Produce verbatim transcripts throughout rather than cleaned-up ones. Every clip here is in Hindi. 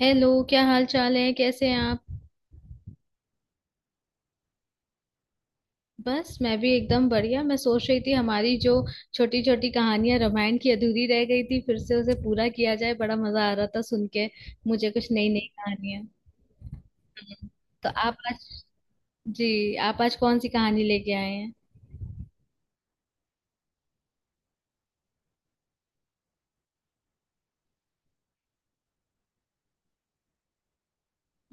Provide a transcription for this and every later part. हेलो, क्या हाल चाल है, कैसे हैं आप। बस मैं भी एकदम बढ़िया। मैं सोच रही थी हमारी जो छोटी छोटी कहानियां रामायण की अधूरी रह गई थी, फिर से उसे पूरा किया जाए। बड़ा मजा आ रहा था सुन के मुझे कुछ नई नई कहानियां। हम्म। तो आप आज जी आप आज कौन सी कहानी लेके आए हैं।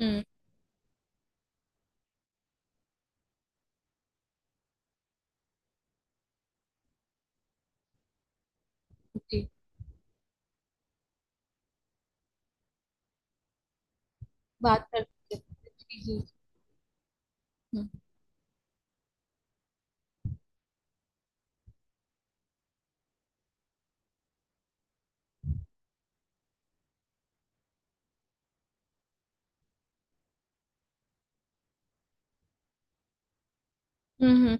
हम्म। जी, बात करते हैं। जी जी। हम्म। हम्म, हम्म।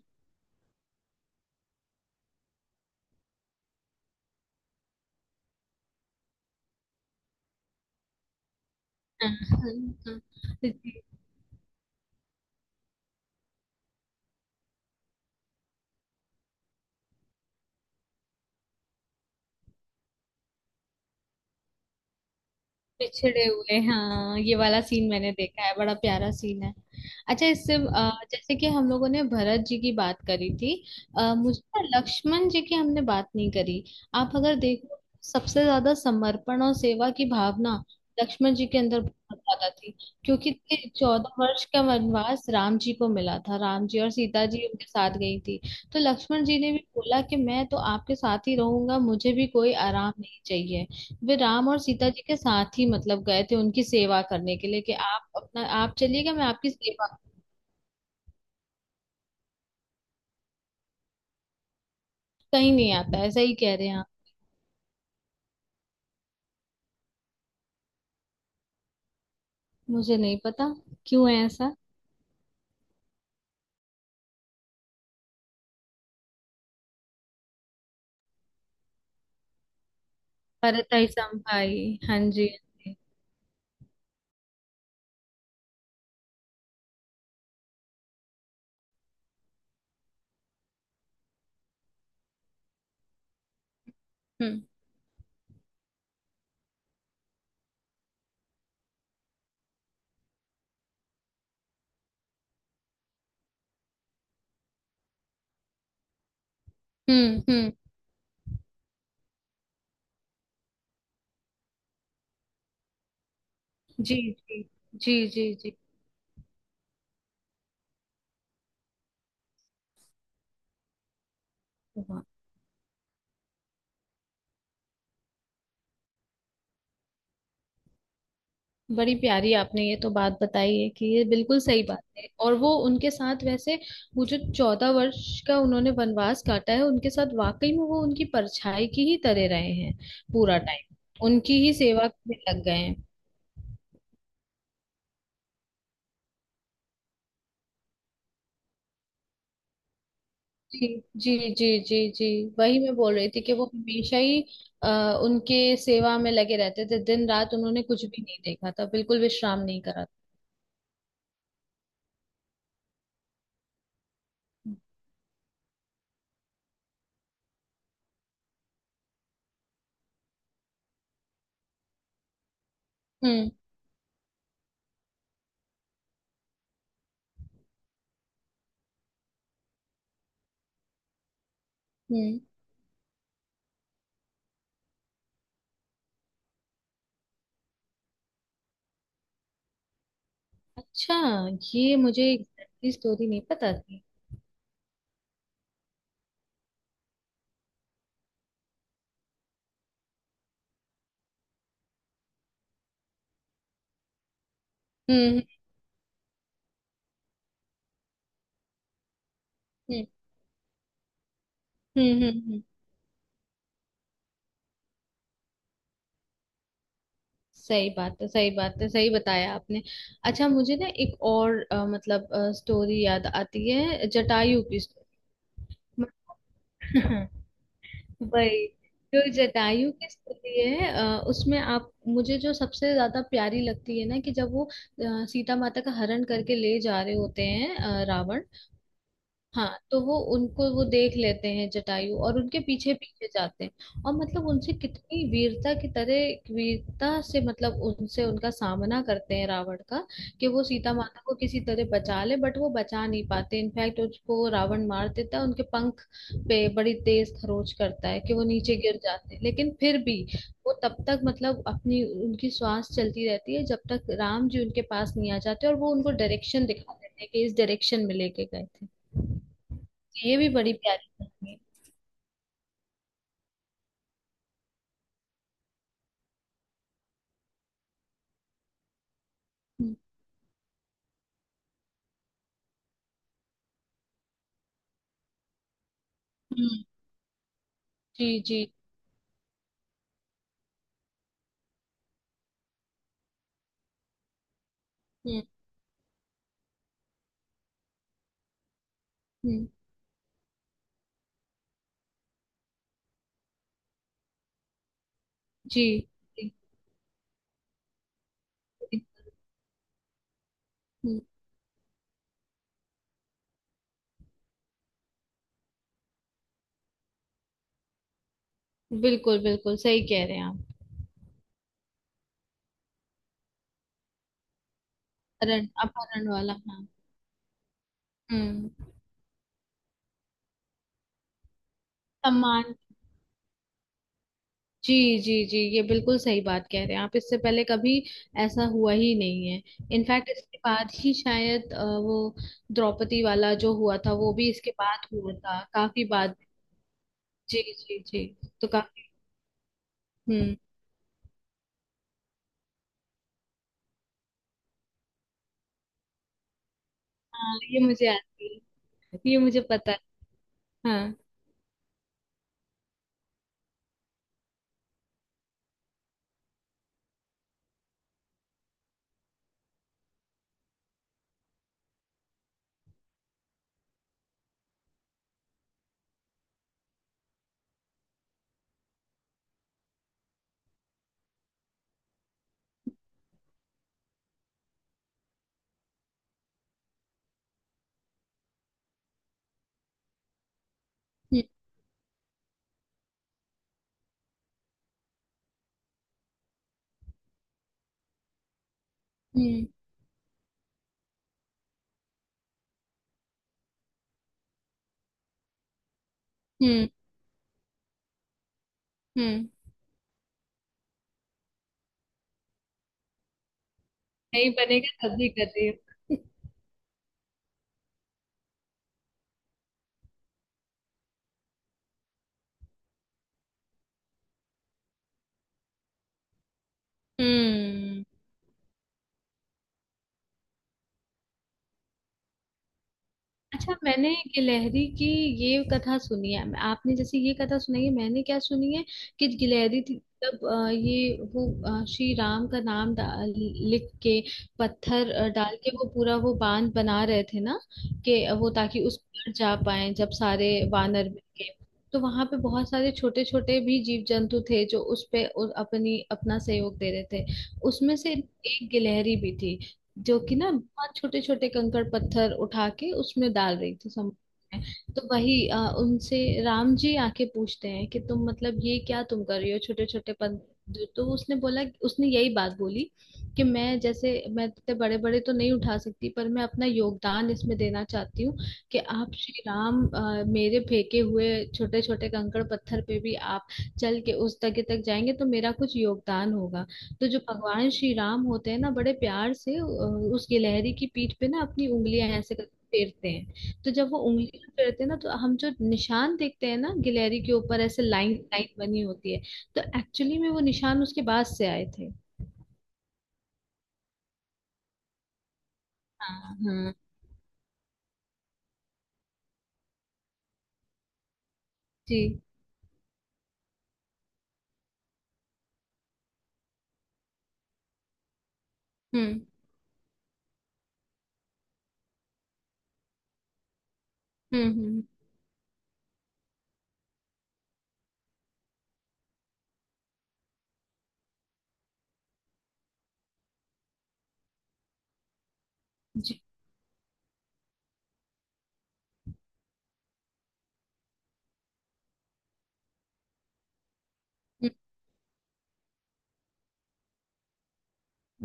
हाँ, हाँ, हाँ। जी। पिछड़े हुए हाँ, ये वाला सीन मैंने देखा है, बड़ा प्यारा सीन है। अच्छा, इससे अ, जैसे कि हम लोगों ने भरत जी की बात करी थी। आ, मुझे ना लक्ष्मण जी की हमने बात नहीं करी। आप अगर देखो, सबसे ज्यादा समर्पण और सेवा की भावना लक्ष्मण जी के अंदर बहुत ज्यादा थी, क्योंकि चौदह वर्ष का वनवास राम जी को मिला था। राम जी और सीता जी उनके साथ गई थी। तो लक्ष्मण जी ने भी बोला कि मैं तो आपके साथ ही रहूंगा, मुझे भी कोई आराम नहीं चाहिए। वे राम और सीता जी के साथ ही मतलब गए थे उनकी सेवा करने के लिए कि आप अपना आप चलिएगा, मैं आपकी सेवा। कहीं नहीं आता, ऐसा ही कह रहे हैं आप। मुझे नहीं पता क्यों है ऐसा। भरतई संभाई, हाँ जी हाँ। जी। हम्म, हम्म, हम्म। जी जी जी जी जी। वाह। बड़ी प्यारी आपने ये तो बात बताई है कि ये बिल्कुल सही बात है। और वो उनके साथ वैसे, वो जो चौदह वर्ष का उन्होंने वनवास काटा है, उनके साथ वाकई में वो उनकी परछाई की ही तरह रहे हैं। पूरा टाइम उनकी ही सेवा में लग गए हैं। जी जी जी जी जी। वही मैं बोल रही थी कि वो हमेशा ही आ, उनके सेवा में लगे रहते थे। दिन रात उन्होंने कुछ भी नहीं देखा था, बिल्कुल विश्राम नहीं करा था। हम्म, हम्म। अच्छा, ये मुझे एग्जैक्टली स्टोरी नहीं पता थी। हम्म, हम्म, हम्म, हम्म, हम्म। सही बात है, सही बात है, सही बताया आपने। अच्छा, मुझे ना एक और अ, मतलब स्टोरी याद आती है, जटायु की स्टोरी। वही, जो जटायु की स्टोरी है, अ, उसमें आप मुझे जो सबसे ज्यादा प्यारी लगती है ना कि जब वो अ, सीता माता का हरण करके ले जा रहे होते हैं, अ, रावण। हाँ, तो वो उनको वो देख लेते हैं जटायु, और उनके पीछे पीछे जाते हैं, और मतलब उनसे कितनी वीरता की तरह, वीरता से मतलब उनसे उनका सामना करते हैं रावण का। कि वो सीता माता को किसी तरह बचा ले, बट वो बचा नहीं पाते। इनफैक्ट उसको रावण मार देता है, उनके पंख पे बड़ी तेज खरोच करता है कि वो नीचे गिर जाते हैं। लेकिन फिर भी वो तब तक मतलब अपनी उनकी श्वास चलती रहती है जब तक राम जी उनके पास नहीं आ जाते, और वो उनको डायरेक्शन दिखा देते हैं कि इस डायरेक्शन में लेके गए थे। ये भी बड़ी प्यारी कहानी है। हुँ, हुँ, जी जी, हुँ, हुँ, जी जी, जी, हुँ। बिल्कुल, बिल्कुल सही कह रहे हैं आप। अपहरण, अपहरण वाला, हाँ। हम्म। सम्मान। जी जी जी, ये बिल्कुल सही बात कह रहे हैं आप, इससे पहले कभी ऐसा हुआ ही नहीं है। इनफैक्ट इसके बाद ही शायद अ, वो द्रौपदी वाला जो हुआ था वो भी इसके बाद हुआ था, काफी बाद। जी जी जी। तो काफी। हम्म। हाँ, ये मुझे आती है, ये मुझे पता है। हाँ। हम्म, हम्म, हम्म। नहीं बनेगा तभी कर रही हूँ। हम्म। अच्छा, मैंने गिलहरी की ये कथा सुनी है। आपने जैसे ये कथा सुनाई है, मैंने क्या सुनी है, कि गिलहरी थी, तब अ, ये वो अ, श्री राम का नाम डाल, लिख के पत्थर अ, डाल के वो पूरा वो बांध बना रहे थे ना। कि वो, ताकि उस पर जा पाए जब सारे वानर मिल के, तो वहां पे बहुत सारे छोटे छोटे भी जीव जंतु थे जो उस पे उ- अपनी अपना सहयोग दे रहे थे। उसमें से एक गिलहरी भी थी, जो कि ना बहुत छोटे छोटे कंकड़ पत्थर उठा के उसमें डाल रही थी, समुद्र में। तो वही अ, उनसे राम जी आके पूछते हैं कि तुम मतलब ये क्या तुम कर रही हो छोटे छोटे पन। तो उसने बोला, उसने यही बात बोली कि मैं जैसे, मैं इतने बड़े बड़े तो नहीं उठा सकती, पर मैं अपना योगदान इसमें देना चाहती हूँ। कि आप श्री राम अ, मेरे फेंके हुए छोटे छोटे कंकड़ पत्थर पे भी आप चल के उस जगह तक जाएंगे, तो मेरा कुछ योगदान होगा। तो जो भगवान श्री राम होते हैं ना, बड़े प्यार से अ, उस गिलहरी की पीठ पे ना अपनी उंगलियां ऐसे करके फेरते हैं। तो जब वो उंगलियां फेरते हैं ना, तो हम जो निशान देखते हैं ना गिलहरी के ऊपर ऐसे लाइन लाइन बनी होती है। तो एक्चुअली में वो निशान उसके बाद से आए थे। हाँ हाँ, जी। हम्म, हम्म, हम्म। जी। हम्म,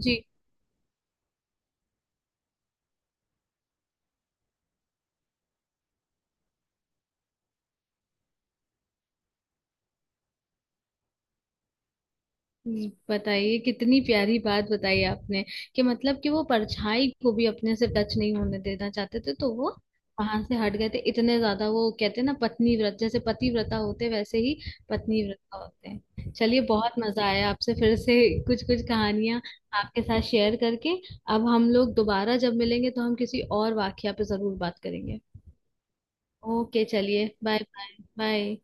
जी। हम्म, बताइए कितनी प्यारी बात बताई आपने कि मतलब कि वो परछाई को भी अपने से टच नहीं होने देना चाहते थे, तो वो वहां से हट गए थे। इतने ज्यादा, वो कहते हैं ना पत्नी व्रत, जैसे पतिव्रता होते वैसे ही पत्नी व्रता होते हैं। चलिए, बहुत मजा आया आपसे फिर से कुछ कुछ कहानियां आपके साथ शेयर करके। अब हम लोग दोबारा जब मिलेंगे तो हम किसी और वाकया पे जरूर बात करेंगे। ओके, चलिए, बाय बाय बाय।